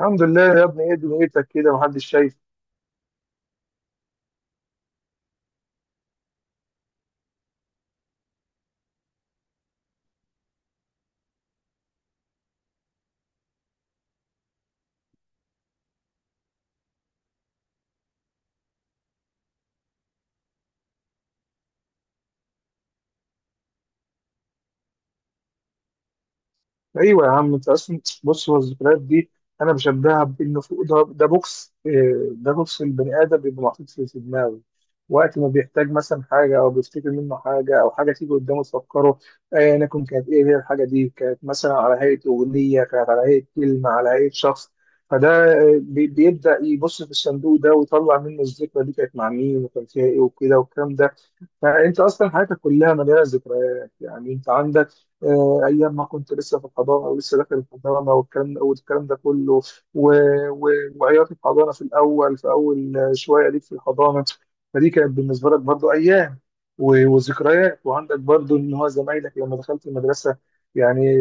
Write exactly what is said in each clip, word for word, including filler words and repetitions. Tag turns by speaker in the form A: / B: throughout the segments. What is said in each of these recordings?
A: الحمد لله يا ابني، ايه دنيتك كده؟ محدش شايف. ايوه يا عم، انت اصلا بص، هو الذكريات دي انا بشبهها بانه فوق ده, ده بوكس إيه، ده بوكس البني ادم بيبقى محطوط في في دماغه. وقت ما بيحتاج مثلا حاجه او بيفتكر منه حاجه او حاجه تيجي قدامه تفكره. آه، انا كنت، كانت ايه هي الحاجه دي، كانت مثلا على هيئه اغنيه، كانت على هيئه كلمه، على هيئه شخص. فده آه، بي- بيبدا يبص في الصندوق ده ويطلع منه الذكرى دي، كانت مع مين وكان فيها ايه وكده والكلام ده. فانت اصلا حياتك كلها مليانه ذكريات، يعني انت عندك آه، ايام ما كنت لسه في الحضانه ولسه داخل الحضانه والكلام والكلام ده كله. و... و... وعياط الحضانه في الاول، في اول آه، شويه ليك في الحضانه، فدي كانت بالنسبه لك برضو ايام و... وذكريات. وعندك برضو ان هو زمايلك لما دخلت المدرسه يعني،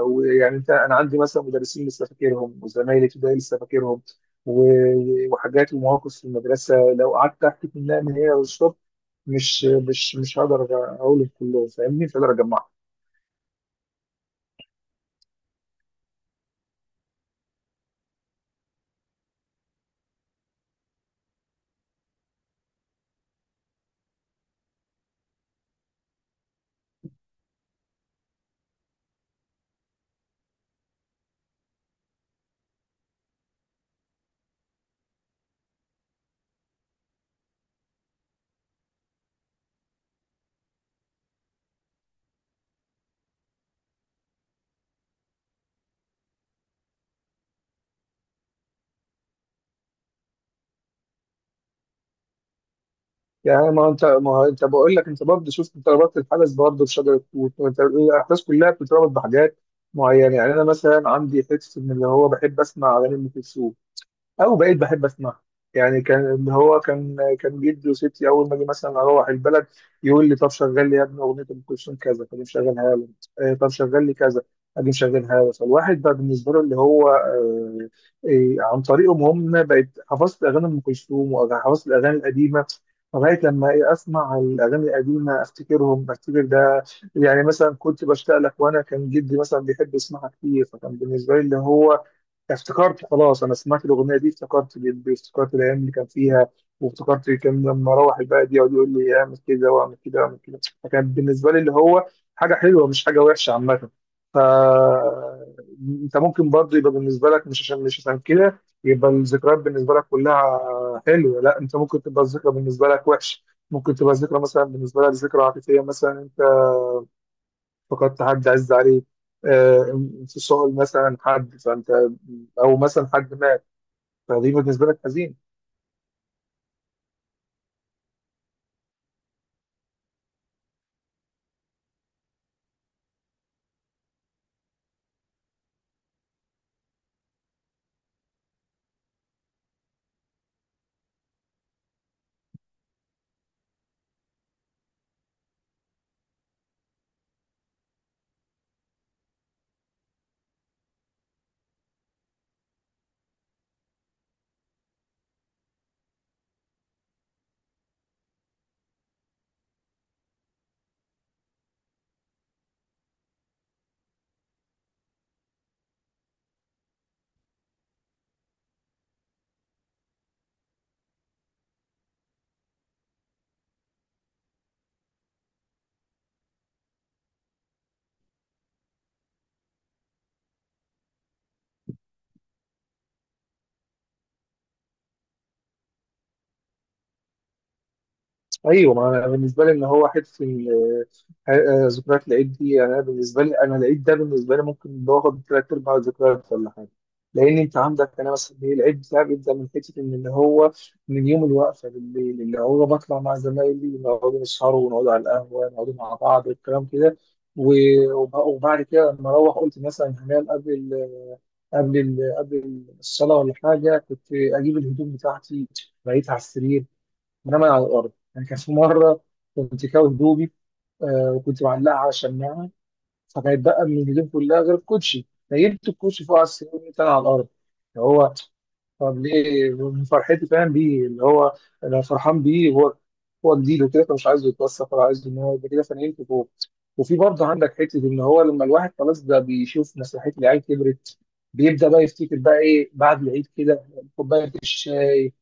A: آه، ويعني انت، انا عندي مثلا مدرسين لسه فاكرهم، وزمايلي في ابتدائي لسه فاكرهم. و... وحاجات ومواقف في المدرسه لو قعدت احكي منها من هنا للصبح مش مش مش هقدر اقول، كله فاهمني، مش هقدر اجمعه. يعني، ما هو انت ما هو انت بقول لك، انت برضه شفت، انت ربطت الحدث برضه بشجره توت، وانت الاحداث كلها بتتربط بحاجات معينه. يعني انا مثلا عندي حته ان اللي هو بحب اسمع اغاني ام كلثوم، او بقيت بحب اسمعها. يعني كان إن هو كان كان جدي وستي اول ما اجي مثلا اروح البلد يقول لي طب شغل لي يا ابني اغنيه ام كلثوم كذا، فاجي مشغلها له. آه، طب شغل لي كذا، اجي مشغلها له. فالواحد بقى بالنسبه له اللي هو آه، آه، عن طريقهم هم بقيت حفظت اغاني ام كلثوم، وحفظت الاغاني القديمه، لغايه لما إيه اسمع الاغاني القديمه افتكرهم، افتكر ده. يعني مثلا كنت بشتاق لك، وانا كان جدي مثلا بيحب يسمعها كتير، فكان بالنسبه لي اللي هو افتكرت، خلاص انا سمعت الاغنيه دي افتكرت جدي، وافتكرت الايام اللي كان فيها، وافتكرت كان لما اروح البلد يقعد يقول لي اعمل كده واعمل كده واعمل كده. فكان بالنسبه لي اللي هو حاجه حلوه، مش حاجه وحشه عامه. ف انت ممكن برضه يبقى بالنسبه لك، مش عشان مش عشان كده يبقى الذكريات بالنسبه لك كلها حلوه، لا، انت ممكن تبقى الذكرى بالنسبه لك وحش. ممكن تبقى الذكرى مثلا بالنسبه لك ذكرى عاطفيه، مثلا انت فقدت حد عز عليك، آه، انفصال مثلا حد، فانت او مثلا حد مات، فدي بالنسبه لك حزين. ايوه، ما انا بالنسبه لي ان هو حته إن، آه، آه، ذكريات العيد دي، يعني انا بالنسبه لي، انا العيد ده بالنسبه لي ممكن باخد ثلاث ارباع الذكريات ولا حاجه. لان انت عندك، انا مثلا إيه، العيد بتاعي بيبدا من حته ان اللي هو من يوم الوقفه بالليل، اللي هو بطلع مع زمايلي نقعدوا نسهروا، ونقعدوا على القهوه، نقعدوا مع بعض والكلام كده. و- وب- وبعد كده لما اروح، قلت مثلا هنام قبل ال قبل ال قبل الصلاه ولا حاجه، كنت اجيب الهدوم بتاعتي بقيت على السرير، بنام على الارض. يعني كان في مره كنت كاوي هدومي، آه، وكنت معلقه على شماعه، فكانت بقى من الهدوم كلها غير الكوتشي، نيمت الكوتشي فوق على السرير وقمت انا على الارض. اللي هو، طب ليه؟ من فرحتي، فاهم بيه؟ اللي هو انا فرحان بيه، هو هو جديد وكده، فمش عايزه يتوسخ، ولا عايزه ان هو يبقى كده، فنيمت فوق. وفي برضه عندك حته ان هو لما الواحد خلاص ده بيشوف مسرحيه العيال كبرت، بيبدا بقى يفتكر بقى ايه بعد العيد كده، كوبايه الشاي.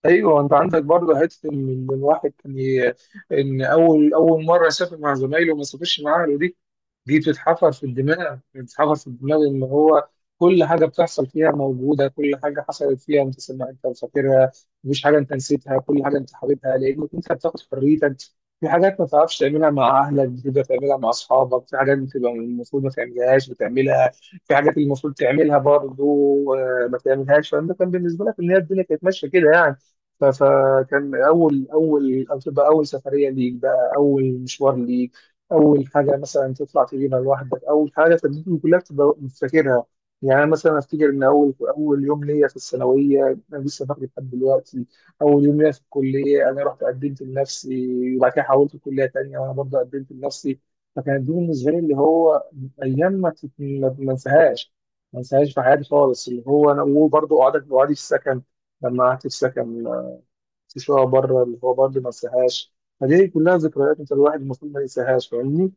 A: ايوه، انت عندك برضه حته ان إن الواحد كان ي- ان اول اول مره سافر مع زمايله وما سافرش معاه، دي بتتحفر في الدماغ، بتتحفر في الدماغ اللي هو كل حاجة بتحصل فيها موجودة، كل حاجة حصلت فيها انت سمع انت فاكرها، مفيش حاجة انت نسيتها، كل حاجة انت حاببها لأنك انت بتاخد حريتك. في حاجات ما تعرفش تعملها مع أهلك بتبدأ تعملها مع أصحابك، في حاجات بتبقى المفروض ما تعملهاش بتعملها، في حاجات اللي المفروض تعملها برضه آه، ما تعملهاش. فأنت كان بالنسبة لك إن هي الدنيا كانت ماشية كده يعني. ف- فكان أول أول أو تبقى أول سفرية ليك بقى، أول مشوار ليك، اول حاجه مثلا تطلع تجيبها لوحدك، اول حاجه، فالدنيا كلها بتبقى فاكرها. يعني أنا مثلا افتكر ان اول اول يوم ليا في الثانويه انا لسه فاكر لحد دلوقتي. اول يوم ليا في الكليه انا رحت قدمت لنفسي، وبعد كده حولت كليه تانيه وانا برضه قدمت لنفسي. فكانت دي بالنسبه لي اللي هو ايام ما تت- ما ما انساهاش، ما انساهاش في حياتي خالص. اللي هو انا وبرضه قعدت قعدت في السكن، لما قعدت في سكن في شقه بره، اللي هو برضه ما انساهاش. فدي كلها ذكريات، انت الواحد المفروض ما ينساهاش، فاهمني؟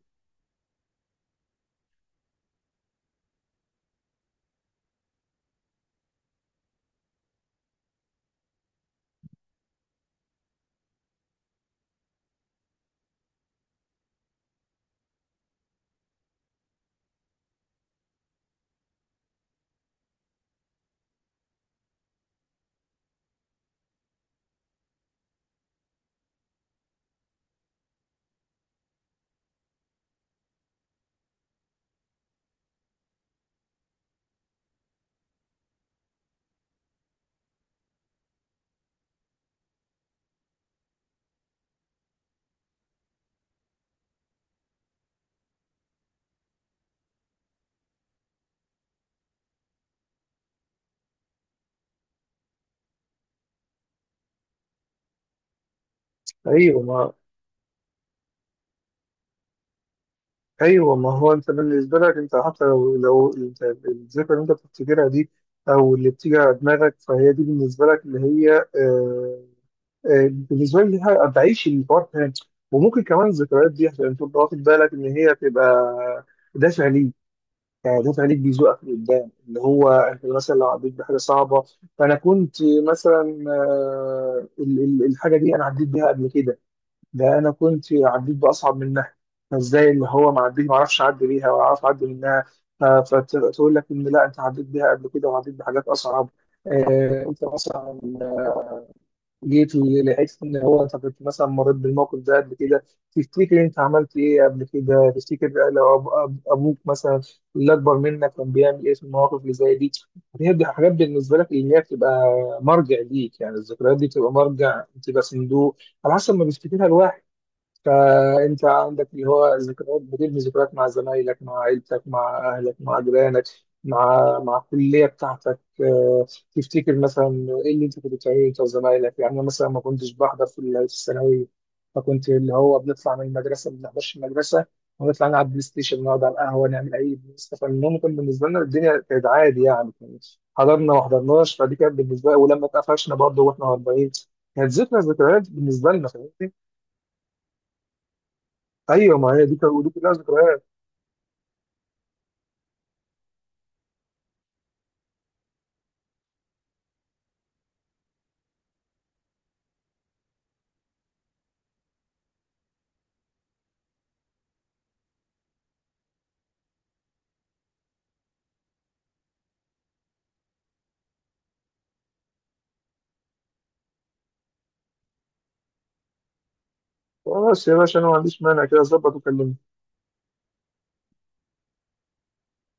A: ايوه ما ايوه، ما هو انت بالنسبه لك انت حتى لو، لو انت الذكرى اللي انت بتفتكرها دي او اللي بتيجي على دماغك، فهي دي بالنسبه لك اللي هي آه، آه، بالنسبه لي ليها- بعيش الحوار تاني. وممكن كمان الذكريات دي، عشان تبقى واخد بالك، ان هي تبقى دافع ليك، يعني دافع ليك بيزوقك لقدام. اللي هو انت مثلا لو عديت بحاجه صعبه، فانا كنت مثلا، آه، ال- ال- الحاجه دي انا عديت بيها قبل كده، ده انا كنت عديت باصعب منها، فازاي اللي هو ما عديت، ما اعرفش اعدي بيها ولا اعرف اعدي منها. ف- فتقول لك ان لا، انت عديت بيها قبل كده وعديت بحاجات اصعب. آه، انت مثلا جيت لقيت ان هو انت كنت مثلا مريت بالموقف ده قبل كده، تفتكر انت عملت ايه قبل كده، تفتكر لو أب- أب- ابوك مثلا اللي اكبر منك كان بيعمل ايه في المواقف اللي زي دي. هي دي حاجات بالنسبه لك اللي هي بتبقى مرجع ليك، يعني الذكريات دي بتبقى مرجع، بتبقى صندوق على حسب ما بيفتكرها الواحد. فانت عندك اللي هو ذكريات بتبني ذكريات مع زمايلك، مع عيلتك، مع اهلك، مع جيرانك، مع مع الكليه بتاعتك. آه، تفتكر مثلا ايه اللي انت كنت بتعمله انت وزمايلك. يعني انا مثلا ما كنتش بحضر في ال- في الثانويه، فكنت اللي هو بنطلع من المدرسه، ما بنحضرش المدرسه، ونطلع نلعب بلاي ستيشن، نقعد على القهوه، نعمل اي بلاي. فالمهم كان بالنسبه لنا الدنيا كانت عادي يعني، حضرنا ما حضرناش، فدي كانت بالنسبه لي، ولما اتقفشنا برضه واحنا أربعين، كانت ذكرى، ذكريات بالنسبه لنا. ايوه، ما هي دي كانت- ودي كلها ذكريات. بس يا باشا، انا ما عنديش مانع، كده اظبط وكلمني.